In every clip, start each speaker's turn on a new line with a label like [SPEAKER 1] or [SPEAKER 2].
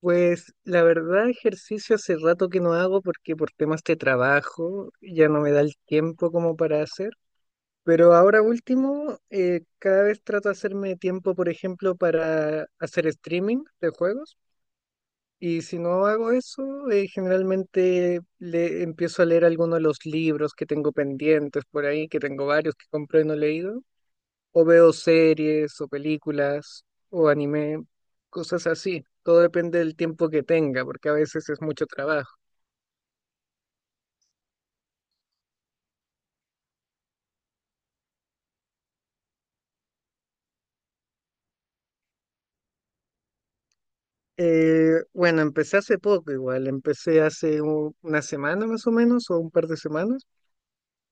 [SPEAKER 1] Pues la verdad, ejercicio hace rato que no hago porque por temas de trabajo ya no me da el tiempo como para hacer. Pero ahora último, cada vez trato de hacerme tiempo, por ejemplo, para hacer streaming de juegos. Y si no hago eso, generalmente le empiezo a leer algunos de los libros que tengo pendientes por ahí, que tengo varios que compré y no he leído o veo series o películas o anime, cosas así. Todo depende del tiempo que tenga, porque a veces es mucho trabajo. Bueno, empecé hace poco igual, empecé hace una semana más o menos, o un par de semanas,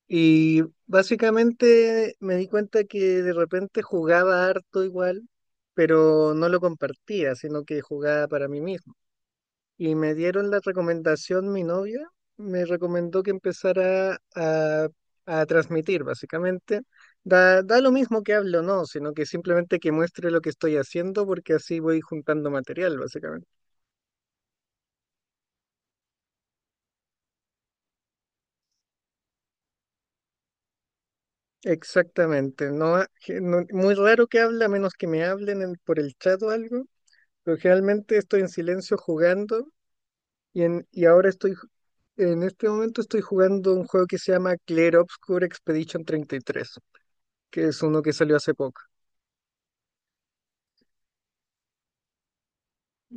[SPEAKER 1] y básicamente me di cuenta que de repente jugaba harto igual, pero no lo compartía, sino que jugaba para mí mismo. Y me dieron la recomendación, mi novia me recomendó que empezara a transmitir, básicamente. Da lo mismo que hable o no, sino que simplemente que muestre lo que estoy haciendo, porque así voy juntando material, básicamente. Exactamente. No, ha- que no- muy raro que hable, a menos que me hablen por el chat o algo. Pero generalmente estoy en silencio jugando y ahora en este momento estoy jugando un juego que se llama Clear Obscure Expedition 33, que es uno que salió hace poco.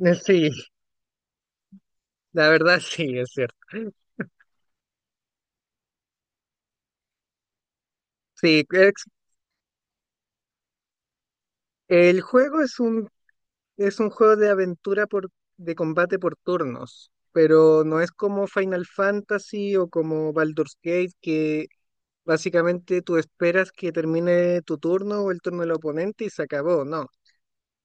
[SPEAKER 1] Sí, la verdad sí, es cierto. Sí, el es un juego de de combate por turnos, pero no es como Final Fantasy o como Baldur's Gate, que básicamente tú esperas que termine tu turno o el turno del oponente y se acabó, no.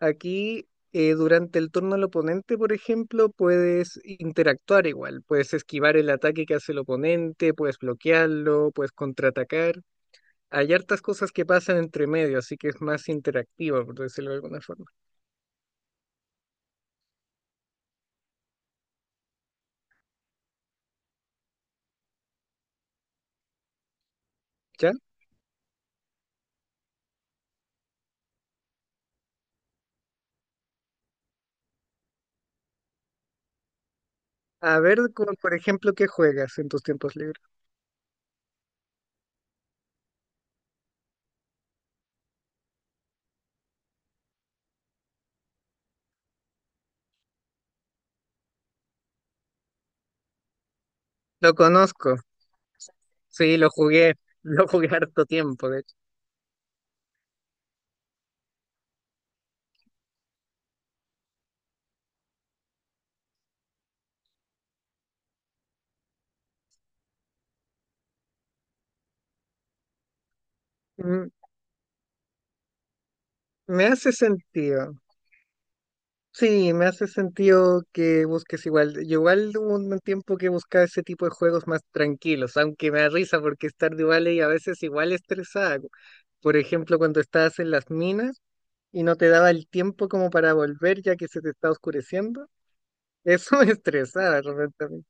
[SPEAKER 1] Aquí, durante el turno del oponente, por ejemplo, puedes interactuar igual, puedes esquivar el ataque que hace el oponente, puedes bloquearlo, puedes contraatacar. Hay hartas cosas que pasan entre medio, así que es más interactiva, por decirlo de alguna forma. ¿Ya? A ver, como, por ejemplo, ¿qué juegas en tus tiempos libres? Lo conozco, sí, lo jugué, lo jugué harto tiempo, de hecho. Mm. Me hace sentido. Sí, me hace sentido que busques igual. Yo igual hubo un tiempo que buscaba ese tipo de juegos más tranquilos, aunque me da risa porque es tarde vale y a veces igual estresada. Por ejemplo, cuando estabas en las minas y no te daba el tiempo como para volver ya que se te estaba oscureciendo, eso me estresaba realmente a mí.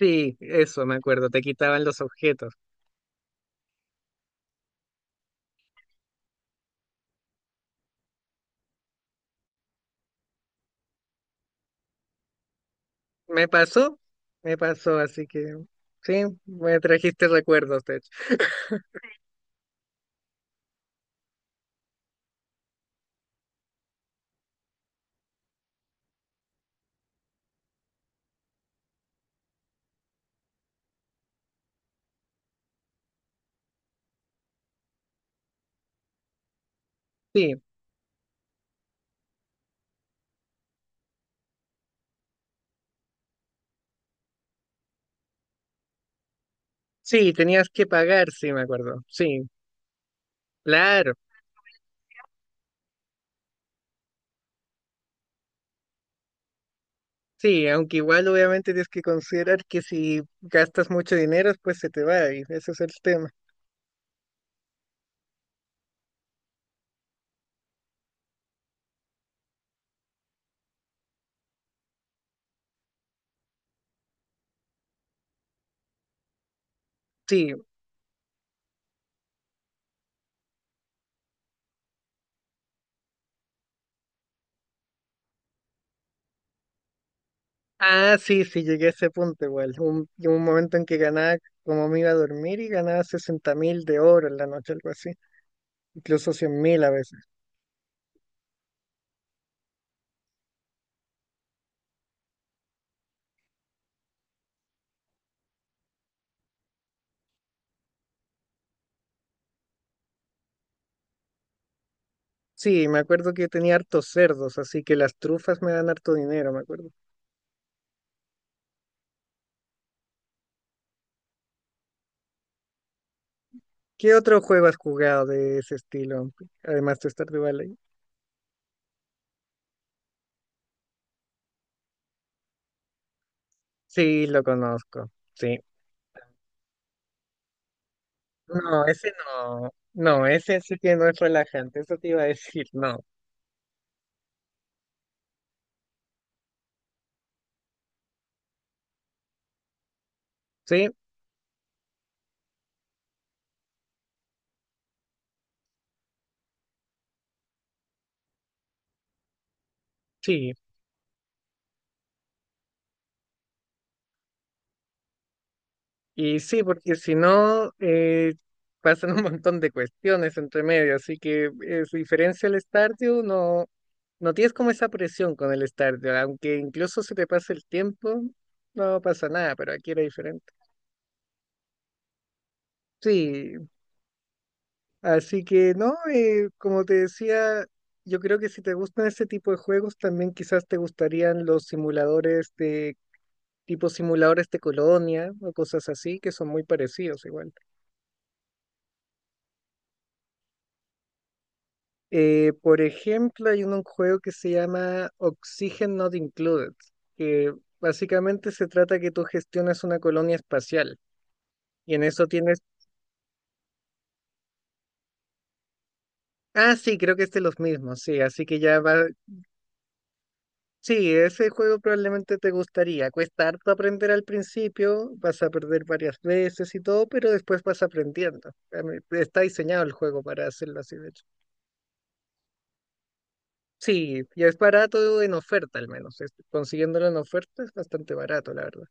[SPEAKER 1] Sí, eso me acuerdo, te quitaban los objetos. Me pasó, me pasó, así que sí, me trajiste recuerdos, de hecho. Sí, sí, tenías que pagar, sí, me acuerdo. Sí. Claro, sí, aunque igual obviamente tienes que considerar que si gastas mucho dinero, pues se te va y ese es el tema. Sí, ah, sí, sí, llegué a ese punto igual. Llegó un momento en que ganaba, como me iba a dormir, y ganaba 60.000 de oro en la noche, algo así, incluso 100.000 a veces. Sí, me acuerdo que tenía hartos cerdos, así que las trufas me dan harto dinero, me acuerdo. ¿Qué otro juego has jugado de ese estilo, además de Stardew Valley? Sí, lo conozco. Sí. No, ese no. No, ese sí que no es relajante, eso te iba a decir, no. Sí, sí. Y sí, porque si no, pasan un montón de cuestiones entre medio, así que es diferencia al Stardew, no, no tienes como esa presión con el Stardew, aunque incluso se te pase el tiempo, no pasa nada, pero aquí era diferente. Sí, así que no, como te decía, yo creo que si te gustan ese tipo de juegos, también quizás te gustarían los simuladores de tipo simuladores de colonia o cosas así, que son muy parecidos igual. Por ejemplo, hay un juego que se llama Oxygen Not Included, que básicamente se trata que tú gestionas una colonia espacial y en eso tienes... Ah, sí, creo que es de los mismos, sí, así que ya va... Sí, ese juego probablemente te gustaría. Cuesta harto aprender al principio, vas a perder varias veces y todo, pero después vas aprendiendo. Está diseñado el juego para hacerlo así, de hecho. Sí, y es barato en oferta al menos. Consiguiéndolo en oferta es bastante barato, la verdad.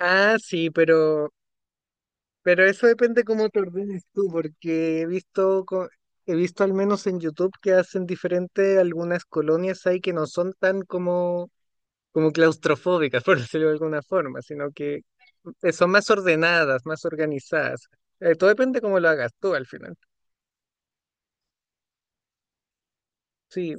[SPEAKER 1] Ah, pero eso depende cómo te ordenes tú, porque he visto al menos en YouTube que hacen diferente algunas colonias ahí que no son tan como claustrofóbicas, por decirlo de alguna forma, sino que son más ordenadas, más organizadas. Todo depende cómo lo hagas tú al final. Sí.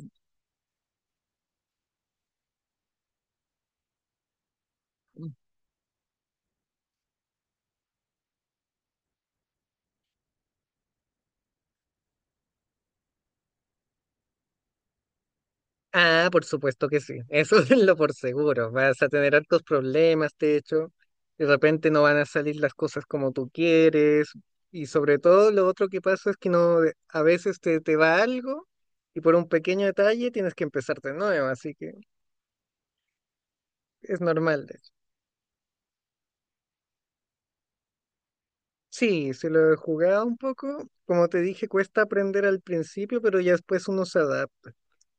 [SPEAKER 1] Ah, por supuesto que sí, eso es lo por seguro. Vas a tener altos problemas, de hecho, de repente no van a salir las cosas como tú quieres y sobre todo lo otro que pasa es que no, a veces te va algo y por un pequeño detalle tienes que empezar de nuevo, así que es normal, de hecho. Sí, se lo he jugado un poco, como te dije, cuesta aprender al principio, pero ya después uno se adapta.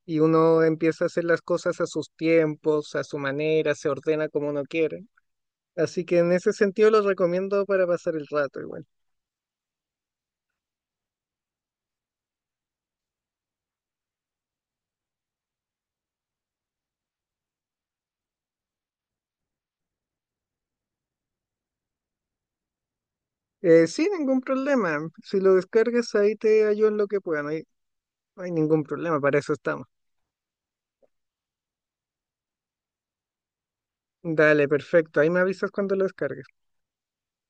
[SPEAKER 1] Y uno empieza a hacer las cosas a sus tiempos, a su manera, se ordena como uno quiere. Así que en ese sentido los recomiendo para pasar el rato igual. Sin ningún problema. Si lo descargas ahí te ayudo en lo que pueda. No hay ningún problema. Para eso estamos. Dale, perfecto. Ahí me avisas cuando lo descargues.